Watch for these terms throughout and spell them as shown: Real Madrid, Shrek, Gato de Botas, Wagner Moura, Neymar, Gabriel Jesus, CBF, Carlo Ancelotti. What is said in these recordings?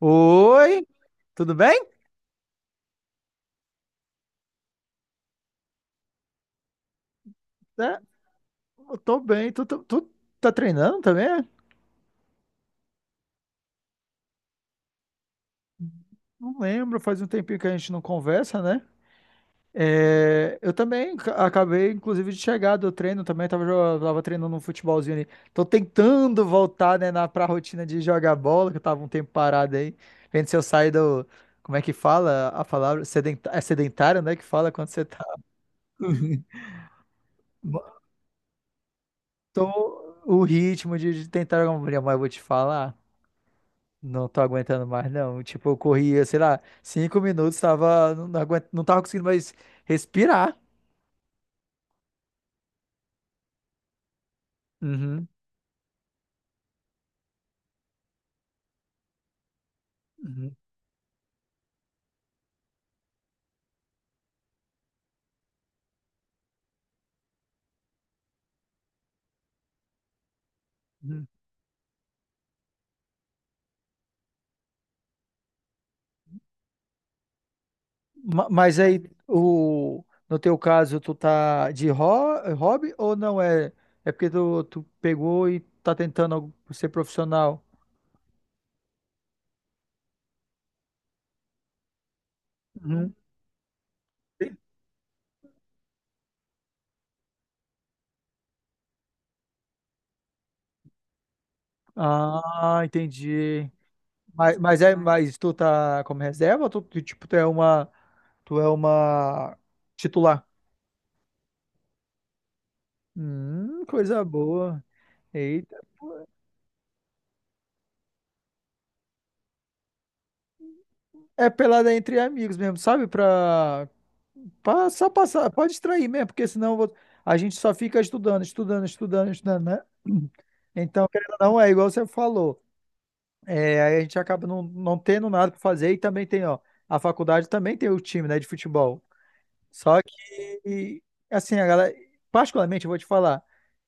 Oi, tudo bem? É, eu tô bem. Tu tá treinando também? É? Não lembro, faz um tempinho que a gente não conversa, né? É, eu também acabei, inclusive, de chegar do treino também. Tava, tava treinando um futebolzinho ali. Tô tentando voltar, né, na, pra rotina de jogar bola, que eu tava um tempo parado aí. Vendo se eu saio do. Como é que fala a palavra? Sedenta- é sedentário, né? Que fala quando você tá. Tô o ritmo de, tentar jogar uma bola, mas eu vou te falar. Não tô aguentando mais, não. Tipo, eu corria, sei lá, 5 minutos, tava, não, não aguento, não tava conseguindo mais respirar. Uhum, uhum, uhum. Ma- Mas aí, o, no teu caso, tu tá de é hobby ou não é? É porque tu, pegou e tá tentando ser profissional. Uhum. Ah, entendi. Mas é, mas tu tá como reserva ou tu, tipo, tu é uma titular? Coisa boa. Eita, pô. É pelada entre amigos mesmo, sabe? Pra só passar, pode distrair mesmo, porque senão eu vou, a gente só fica estudando, estudando, estudando, estudando, né? Então, querendo ou não, é igual você falou. É, aí a gente acaba não tendo nada para fazer e também tem, ó, a faculdade também tem o time, né, de futebol. Só que, assim, a galera, particularmente, eu vou te falar,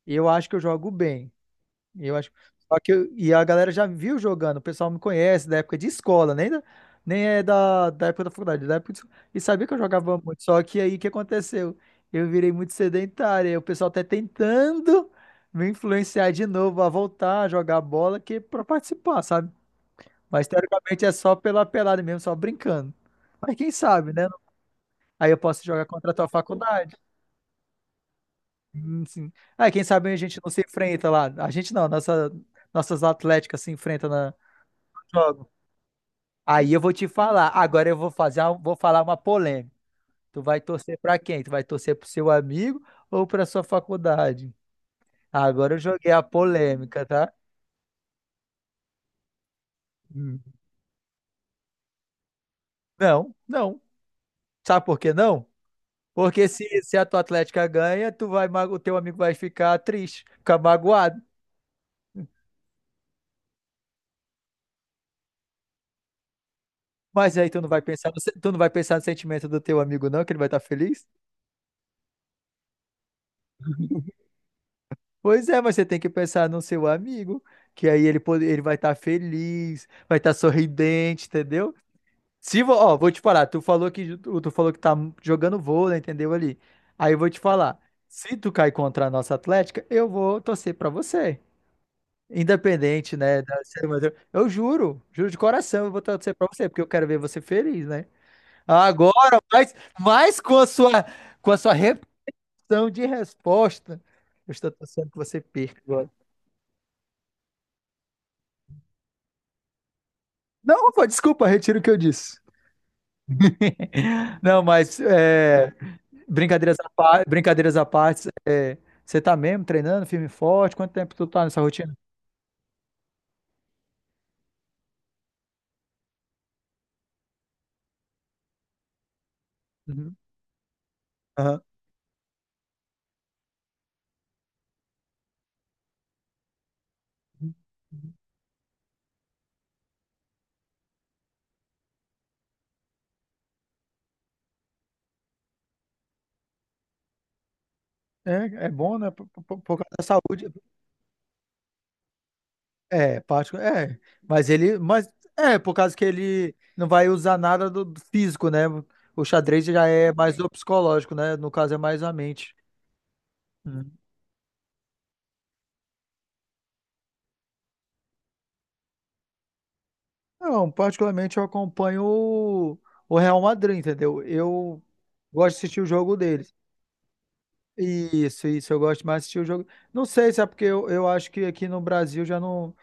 eu acho que eu jogo bem. Eu acho. Só que e a galera já me viu jogando, o pessoal me conhece da época de escola, nem, da- nem é da época da faculdade, da época de escola. E sabia que eu jogava muito. Só que aí o que aconteceu? Eu virei muito sedentário, e o pessoal tá tentando me influenciar de novo a voltar a jogar bola que pra participar, sabe? Mas teoricamente é só pela pelada mesmo, só brincando. Mas quem sabe, né? Aí eu posso jogar contra a tua faculdade. Sim. Aí quem sabe a gente não se enfrenta lá. A gente não, nossa, nossas atléticas se enfrentam jogo. Aí eu vou te falar. Agora eu vou fazer uma, vou falar uma polêmica. Tu vai torcer pra quem? Tu vai torcer pro seu amigo ou pra sua faculdade? Agora eu joguei a polêmica, tá? Hum. Não, não. Sabe por que não? Porque se a tua Atlética ganha, tu vai, o teu amigo vai ficar triste, ficar magoado. Mas aí tu não vai pensar no, tu não vai pensar no sentimento do teu amigo, não, que ele vai estar feliz? Pois é, mas você tem que pensar no seu amigo, que aí ele, ele vai estar feliz, vai estar sorridente, entendeu? Se, ó, vou te falar, tu falou que tá jogando vôlei, entendeu ali? Aí eu vou te falar, se tu cair contra a nossa Atlética, eu vou torcer pra você. Independente, né, da ser eu juro, juro de coração, eu vou torcer pra você, porque eu quero ver você feliz, né? Agora, mas com a sua repetição de resposta, eu estou torcendo que você perca agora. Não, pô, desculpa, retiro o que eu disse. Não, mas é, brincadeiras à parte, brincadeiras à parte, é, você tá mesmo treinando firme e forte? Quanto tempo tu tá nessa rotina? Uhum. Aham. É, é bom, né? Por causa da saúde. É, parte, é. Mas ele, mas é por causa que ele não vai usar nada do físico, né? O xadrez já é mais do psicológico, né? No caso é mais a mente. Uhum. Não, particularmente eu acompanho o Real Madrid, entendeu? Eu gosto de assistir o jogo deles. Isso, eu gosto mais de assistir o jogo. Não sei se é porque eu, acho que aqui no Brasil já não,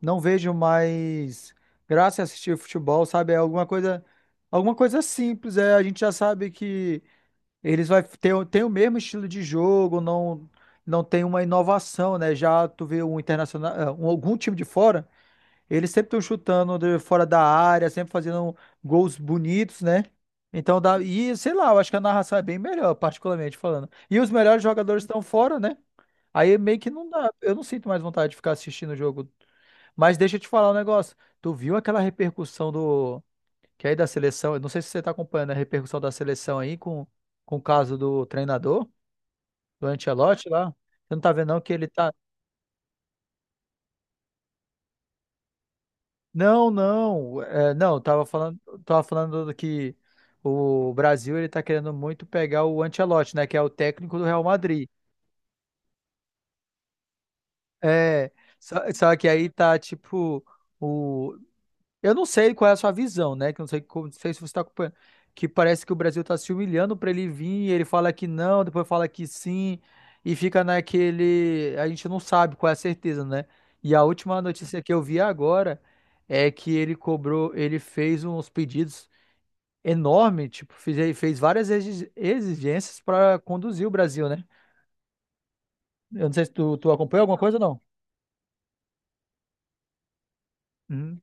não vejo mais graça em assistir futebol, sabe? É alguma coisa simples, é, a gente já sabe que eles vai ter, tem o mesmo estilo de jogo, não tem uma inovação, né? Já tu vê um internacional, ah, algum time de fora eles sempre estão chutando de fora da área, sempre fazendo gols bonitos, né? Então dá. E sei lá, eu acho que a narração é bem melhor, particularmente falando. E os melhores jogadores estão fora, né? Aí meio que não dá. Eu não sinto mais vontade de ficar assistindo o jogo. Mas deixa eu te falar um negócio. Tu viu aquela repercussão do. Que é aí da seleção. Eu não sei se você tá acompanhando a repercussão da seleção aí com o caso do treinador, do Ancelotti lá. Você não tá vendo, não, que ele tá. Não, não, é, não, tava falando do que o Brasil ele tá querendo muito pegar o Ancelotti, né, que é o técnico do Real Madrid. É, só que aí tá tipo o, eu não sei qual é a sua visão, né, que eu não sei, como- não sei se você tá acompanhando, que parece que o Brasil tá se humilhando pra ele vir, e ele fala que não, depois fala que sim e fica naquele, a gente não sabe qual é a certeza, né? E a última notícia que eu vi agora é que ele cobrou, ele fez uns pedidos enorme, tipo, fez, fez várias exigências para conduzir o Brasil, né? Eu não sei se tu, acompanha alguma coisa ou não. Uhum,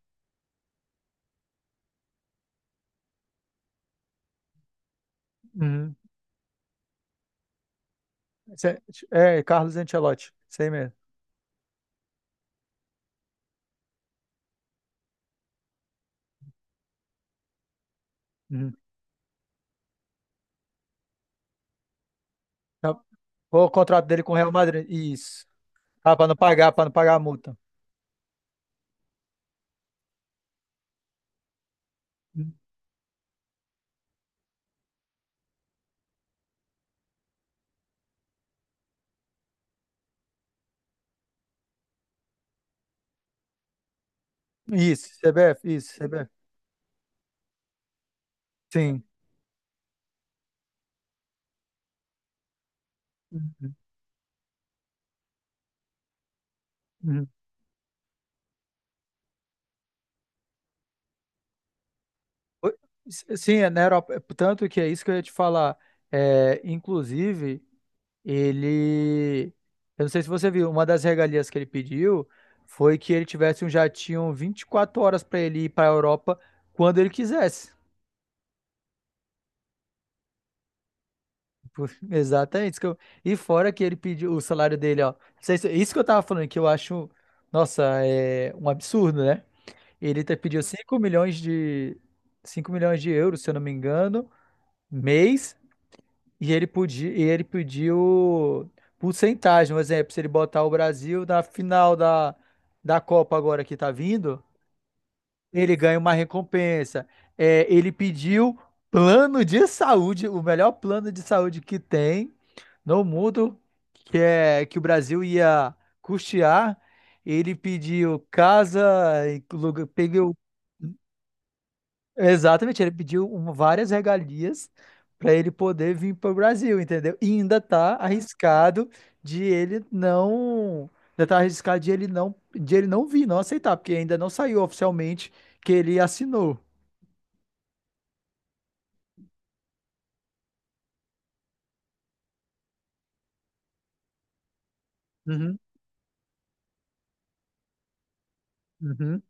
uhum. Cê- É, Carlos Ancelotti, sei mesmo. Uhum. Tá. O contrato dele com o Real Madrid, isso. Ah, para não pagar a multa. Uhum. Isso, CBF, isso, CBF. Sim. Uhum. Oi, sim, é na Europa. É, tanto que é isso que eu ia te falar. É, inclusive. Ele. Eu não sei se você viu, uma das regalias que ele pediu foi que ele tivesse um jatinho 24 horas para ele ir para a Europa quando ele quisesse. Exatamente. Isso que eu. E fora que ele pediu o salário dele, ó. Isso que eu tava falando, que eu acho, nossa, é um absurdo, né? Ele pediu 5 milhões de euros, se eu não me engano, mês. E ele podia, e ele pediu porcentagem, um exemplo, se ele botar o Brasil na final da, da Copa agora que tá vindo, ele ganha uma recompensa. É, ele pediu plano de saúde, o melhor plano de saúde que tem no mundo, que é que o Brasil ia custear. Ele pediu casa, e lugar, peguei o exatamente, ele pediu várias regalias para ele poder vir para o Brasil, entendeu? E ainda tá arriscado de ele não, ainda tá arriscado de ele não, vir, não aceitar, porque ainda não saiu oficialmente que ele assinou. Uhum, uhum.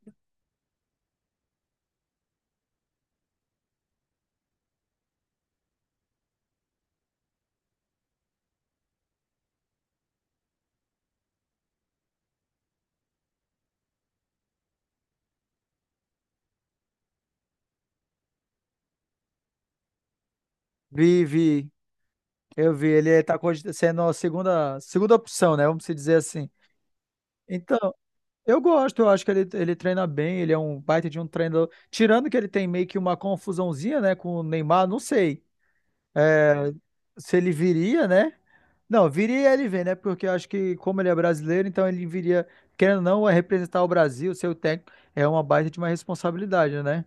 Vi, vi, eu vi, ele tá cogit- sendo a segunda opção, né? Vamos se dizer assim. Então, eu gosto, eu acho que ele treina bem, ele é um baita de um treinador. Tirando que ele tem meio que uma confusãozinha, né, com o Neymar, não sei se ele viria, né? Não, viria ele vem, né? Porque eu acho que como ele é brasileiro, então ele viria, querendo ou não, é representar o Brasil, ser o técnico, é uma baita de uma responsabilidade, né?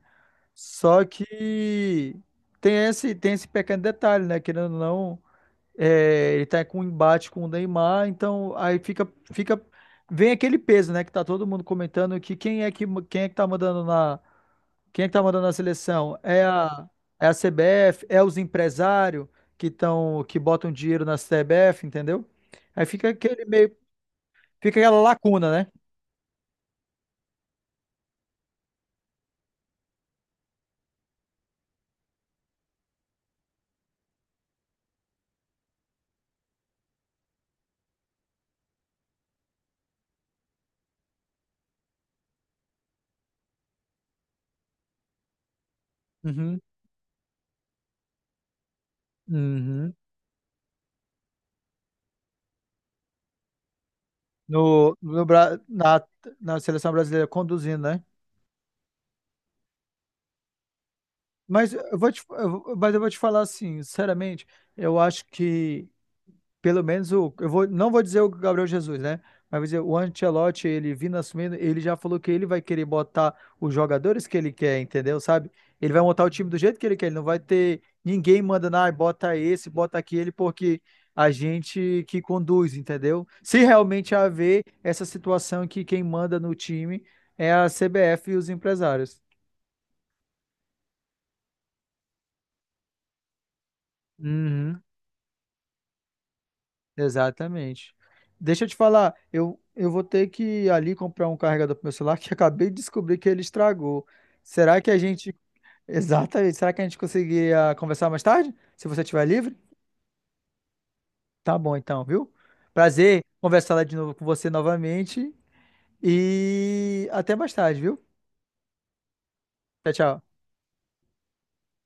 Só que tem esse pequeno detalhe, né? Querendo ou não, é, ele tá com um embate com o Neymar, então aí fica, vem aquele peso, né? Que tá todo mundo comentando que quem é que tá mandando na, quem é que tá mandando na seleção? É a CBF, é os empresários que tão, que botam dinheiro na CBF, entendeu? Aí fica aquele meio, fica aquela lacuna, né? Uhum, uhum. No, no, Bra- na, na seleção brasileira conduzindo, né? Mas eu vou te, eu vou- mas eu vou te falar assim, sinceramente, eu acho que pelo menos o, eu vou, não vou dizer o Gabriel Jesus, né? Mas vou dizer, o Ancelotti, ele vindo assumindo, ele já falou que ele vai querer botar os jogadores que ele quer, entendeu? Sabe? Ele vai montar o time do jeito que ele quer, ele não vai ter ninguém mandando, ah, bota esse, bota aquele, porque a gente que conduz, entendeu? Se realmente haver essa situação que quem manda no time é a CBF e os empresários. Uhum. Exatamente. Deixa eu te falar, eu vou ter que ir ali comprar um carregador pro meu celular que eu acabei de descobrir que ele estragou. Será que a gente. Exatamente. Será que a gente conseguiria conversar mais tarde? Se você estiver livre? Tá bom então, viu? Prazer conversar lá de novo com você novamente. E até mais tarde, viu? Tchau, tchau.